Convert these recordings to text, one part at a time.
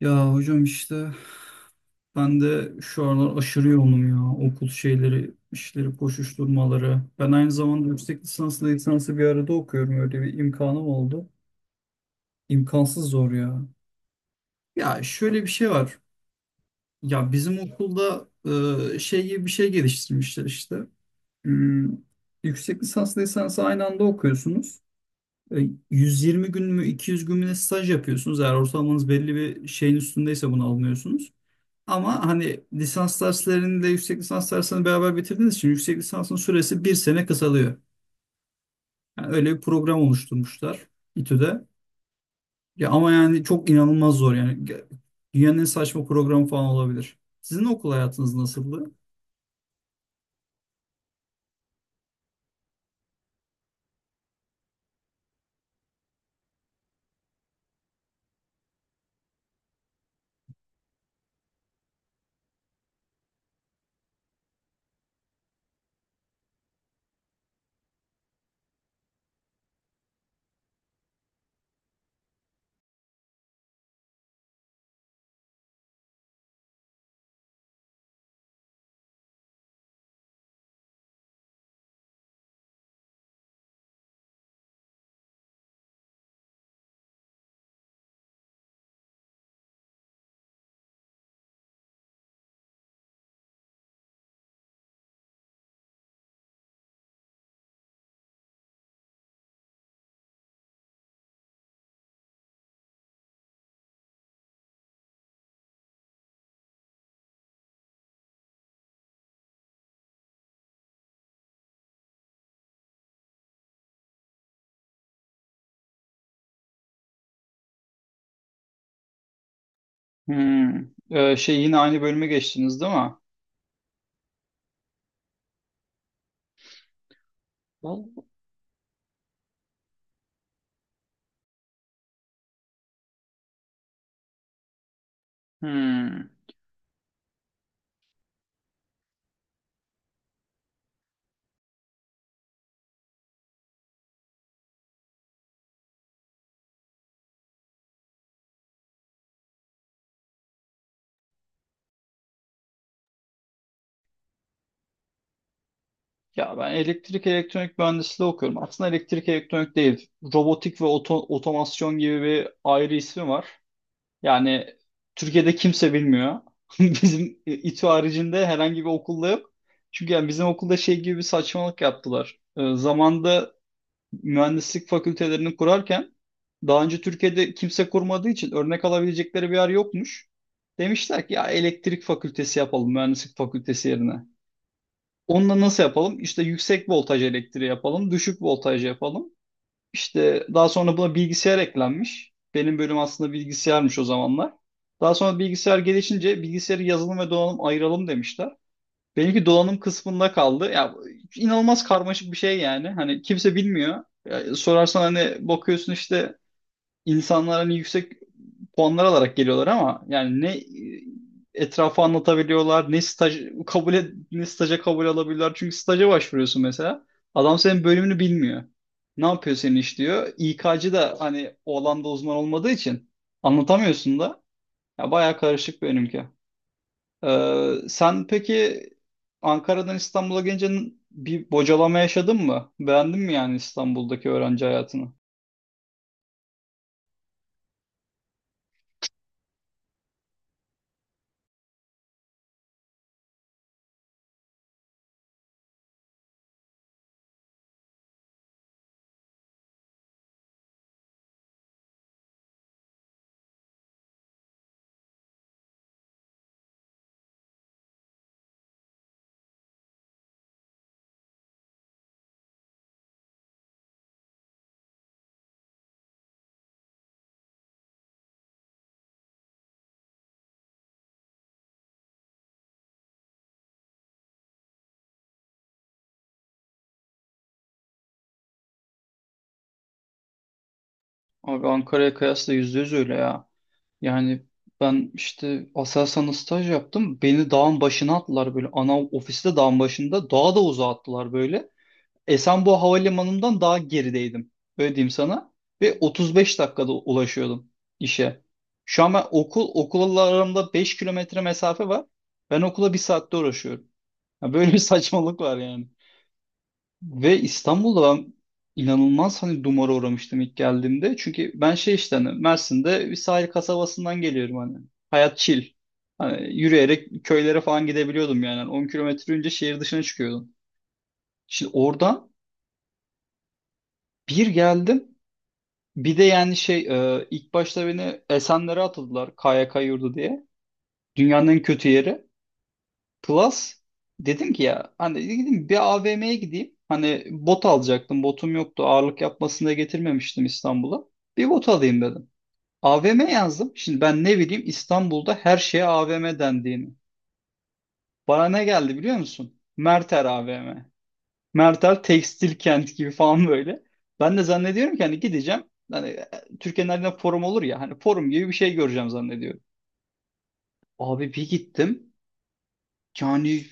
Ya hocam işte ben de şu aralar aşırı yoğunum ya. Okul şeyleri, işleri, koşuşturmaları. Ben aynı zamanda yüksek lisansla lisansı bir arada okuyorum. Öyle bir imkanım oldu. İmkansız zor ya. Ya şöyle bir şey var. Ya bizim okulda şey gibi bir şey geliştirmişler işte. Hmm, yüksek lisansla lisansı aynı anda okuyorsunuz. E, 120 gün mü 200 gün mü ne staj yapıyorsunuz. Eğer ortalamanız belli bir şeyin üstündeyse bunu almıyorsunuz. Ama hani lisans dersleriyle yüksek lisans derslerini beraber bitirdiğiniz için yüksek lisansın süresi bir sene kısalıyor. Yani öyle bir program oluşturmuşlar İTÜ'de. Ya ama yani çok inanılmaz zor yani. Dünyanın en saçma programı falan olabilir. Sizin okul hayatınız nasıldı? Hmm. Şey yine aynı bölüme geçtiniz değil mi? Vallahi. Hmm. Ya ben elektrik elektronik mühendisliği okuyorum. Aslında elektrik elektronik değil. Robotik ve otomasyon gibi bir ayrı ismi var. Yani Türkiye'de kimse bilmiyor. Bizim İTÜ haricinde herhangi bir okulda yok. Çünkü yani bizim okulda şey gibi bir saçmalık yaptılar. Zamanda mühendislik fakültelerini kurarken daha önce Türkiye'de kimse kurmadığı için örnek alabilecekleri bir yer yokmuş. Demişler ki ya elektrik fakültesi yapalım mühendislik fakültesi yerine. Onunla nasıl yapalım? İşte yüksek voltaj elektriği yapalım, düşük voltaj yapalım. İşte daha sonra buna bilgisayar eklenmiş. Benim bölüm aslında bilgisayarmış o zamanlar. Daha sonra bilgisayar gelişince bilgisayarı yazılım ve donanım ayıralım demişler. Benimki donanım kısmında kaldı. Ya inanılmaz karmaşık bir şey yani. Hani kimse bilmiyor. Ya, sorarsan hani bakıyorsun işte insanlar hani yüksek puanlar alarak geliyorlar ama yani ne etrafı anlatabiliyorlar, ne staj ne staja kabul alabiliyorlar. Çünkü staja başvuruyorsun mesela. Adam senin bölümünü bilmiyor. Ne yapıyor senin iş diyor. İK'cı da hani o alanda uzman olmadığı için anlatamıyorsun da. Ya bayağı karışık benimki. Sen peki Ankara'dan İstanbul'a gelince bir bocalama yaşadın mı? Beğendin mi yani İstanbul'daki öğrenci hayatını? Abi Ankara'ya kıyasla yüzde yüz öyle ya. Yani ben işte Aselsan'da staj yaptım. Beni dağın başına attılar böyle. Ana ofiste dağın başında. Dağa da uzağa attılar böyle. Esenboğa Havalimanı'ndan daha gerideydim. Öyle diyeyim sana. Ve 35 dakikada ulaşıyordum işe. Şu an ben okul, okulla aramda 5 kilometre mesafe var. Ben okula bir saatte uğraşıyorum. Ya böyle bir saçmalık var yani. Ve İstanbul'da ben inanılmaz hani dumura uğramıştım ilk geldiğimde. Çünkü ben şey işte hani Mersin'de bir sahil kasabasından geliyorum hani. Hayat chill. Hani yürüyerek köylere falan gidebiliyordum yani. Hani 10 kilometre önce şehir dışına çıkıyordum. Şimdi oradan bir geldim. Bir de yani şey ilk başta beni Esenler'e atıldılar KYK yurdu diye. Dünyanın en kötü yeri. Plus dedim ki ya hani dedim bir AVM'ye gideyim. Hani bot alacaktım. Botum yoktu. Ağırlık yapmasını da getirmemiştim İstanbul'a. Bir bot alayım dedim. AVM yazdım. Şimdi ben ne bileyim İstanbul'da her şeye AVM dendiğini. Bana ne geldi biliyor musun? Merter AVM. Merter tekstil kent gibi falan böyle. Ben de zannediyorum ki hani gideceğim. Hani Türkiye'nin her yerinde forum olur ya. Hani forum gibi bir şey göreceğim zannediyorum. Abi bir gittim. Yani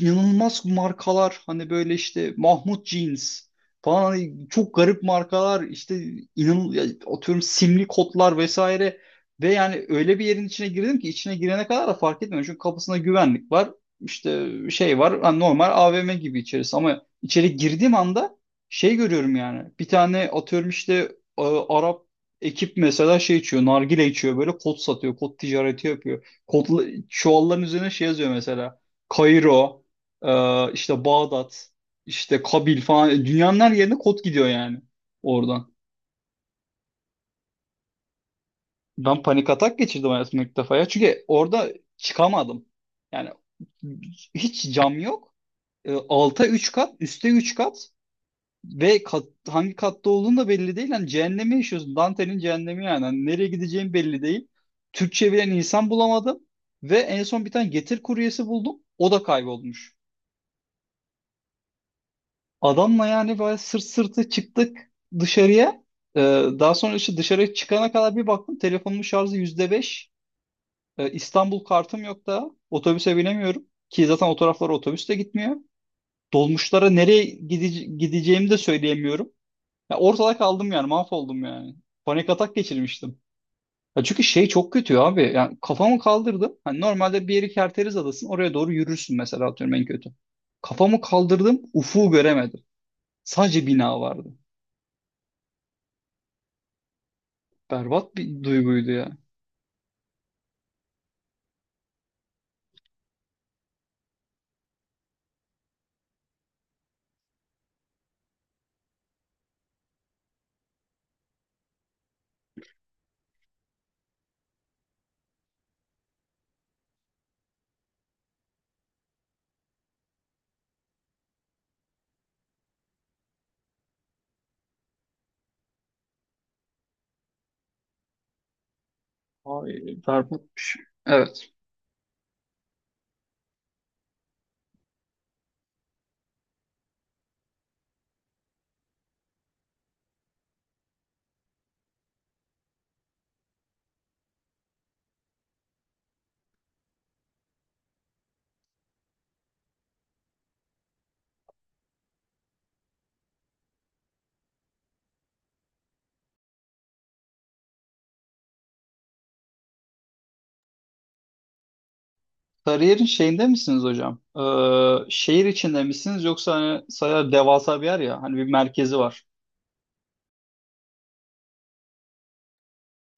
inanılmaz markalar hani böyle işte Mahmut Jeans falan hani çok garip markalar işte inan ya atıyorum simli kotlar vesaire ve yani öyle bir yerin içine girdim ki içine girene kadar da fark etmiyorum çünkü kapısında güvenlik var işte şey var hani normal AVM gibi içerisi ama içeri girdiğim anda şey görüyorum yani bir tane atıyorum işte e, Arap ekip mesela şey içiyor nargile içiyor böyle kot satıyor kot ticareti yapıyor. Kodla, çuvalların üzerine şey yazıyor mesela. Kairo, işte Bağdat, işte Kabil falan. E, Dünyanın her yerine kod gidiyor yani oradan. Ben panik atak geçirdim hayatımda ilk defa ya. Çünkü orada çıkamadım. Yani hiç cam yok. Alta 3 kat, üste 3 kat ve kat, hangi katta olduğun da belli değil. Yani cehennemi yaşıyorsun. Dante'nin cehennemi yani. Hani nereye gideceğim belli değil. Türkçe bilen insan bulamadım. Ve en son bir tane getir kuryesi buldum. O da kaybolmuş. Adamla yani böyle sırt sırtı çıktık dışarıya. Ee, daha sonra işte dışarı çıkana kadar bir baktım telefonumun şarjı yüzde beş. İstanbul kartım yok da otobüse binemiyorum. Ki zaten o taraflara otobüs de gitmiyor. Dolmuşlara nereye gideceğimi de söyleyemiyorum. Ya ortada kaldım yani mahvoldum yani. Panik atak geçirmiştim. Ya çünkü şey çok kötü abi. Yani kafamı kaldırdım. Hani normalde bir yeri Kerteriz Adası'nın oraya doğru yürürsün mesela atıyorum en kötü. Kafamı kaldırdım ufuğu göremedim. Sadece bina vardı. Berbat bir duyguydu ya. Ay, berbat bir şey. Evet. Sarıyer'in şeyinde misiniz hocam? Şehir içinde misiniz yoksa hani Sarıyer devasa bir yer ya hani bir merkezi var.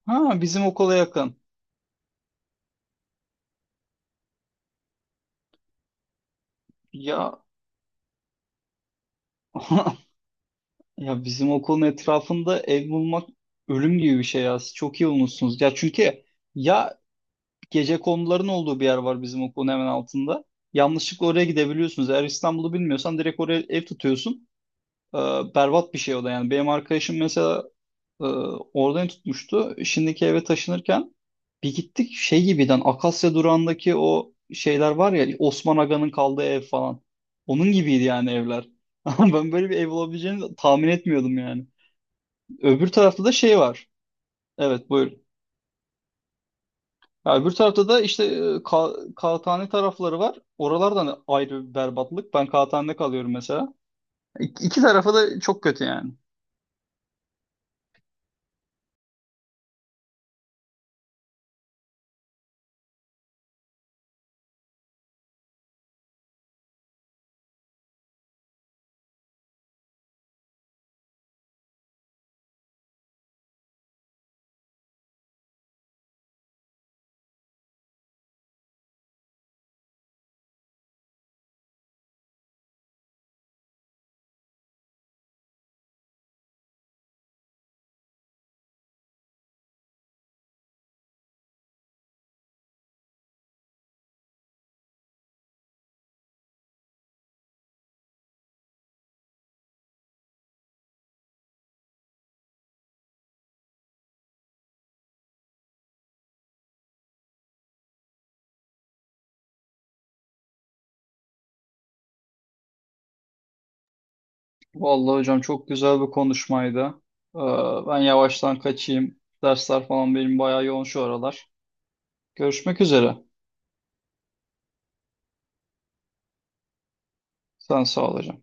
Ha bizim okula yakın. Ya ya bizim okulun etrafında ev bulmak ölüm gibi bir şey ya. Siz çok iyi bulmuşsunuz. Ya çünkü ya gece konuların olduğu bir yer var bizim okulun hemen altında. Yanlışlıkla oraya gidebiliyorsunuz. Eğer İstanbul'u bilmiyorsan direkt oraya ev tutuyorsun. Ee, berbat bir şey o da yani. Benim arkadaşım mesela Ee, oradan tutmuştu. Şimdiki eve taşınırken bir gittik şey gibiden Akasya durağındaki o şeyler var ya Osman Aga'nın kaldığı ev falan. Onun gibiydi yani evler. Ama ben böyle bir ev olabileceğini tahmin etmiyordum yani. Öbür tarafta da şey var. Evet buyur. Ya öbür tarafta da işte e, ka kağıthane tarafları var. Oralardan ayrı bir berbatlık. Ben kağıthanede kalıyorum mesela. İki tarafa da çok kötü yani. Vallahi hocam çok güzel bir konuşmaydı. Ee, ben yavaştan kaçayım. Dersler falan benim bayağı yoğun şu aralar. Görüşmek üzere. Sen sağ ol hocam.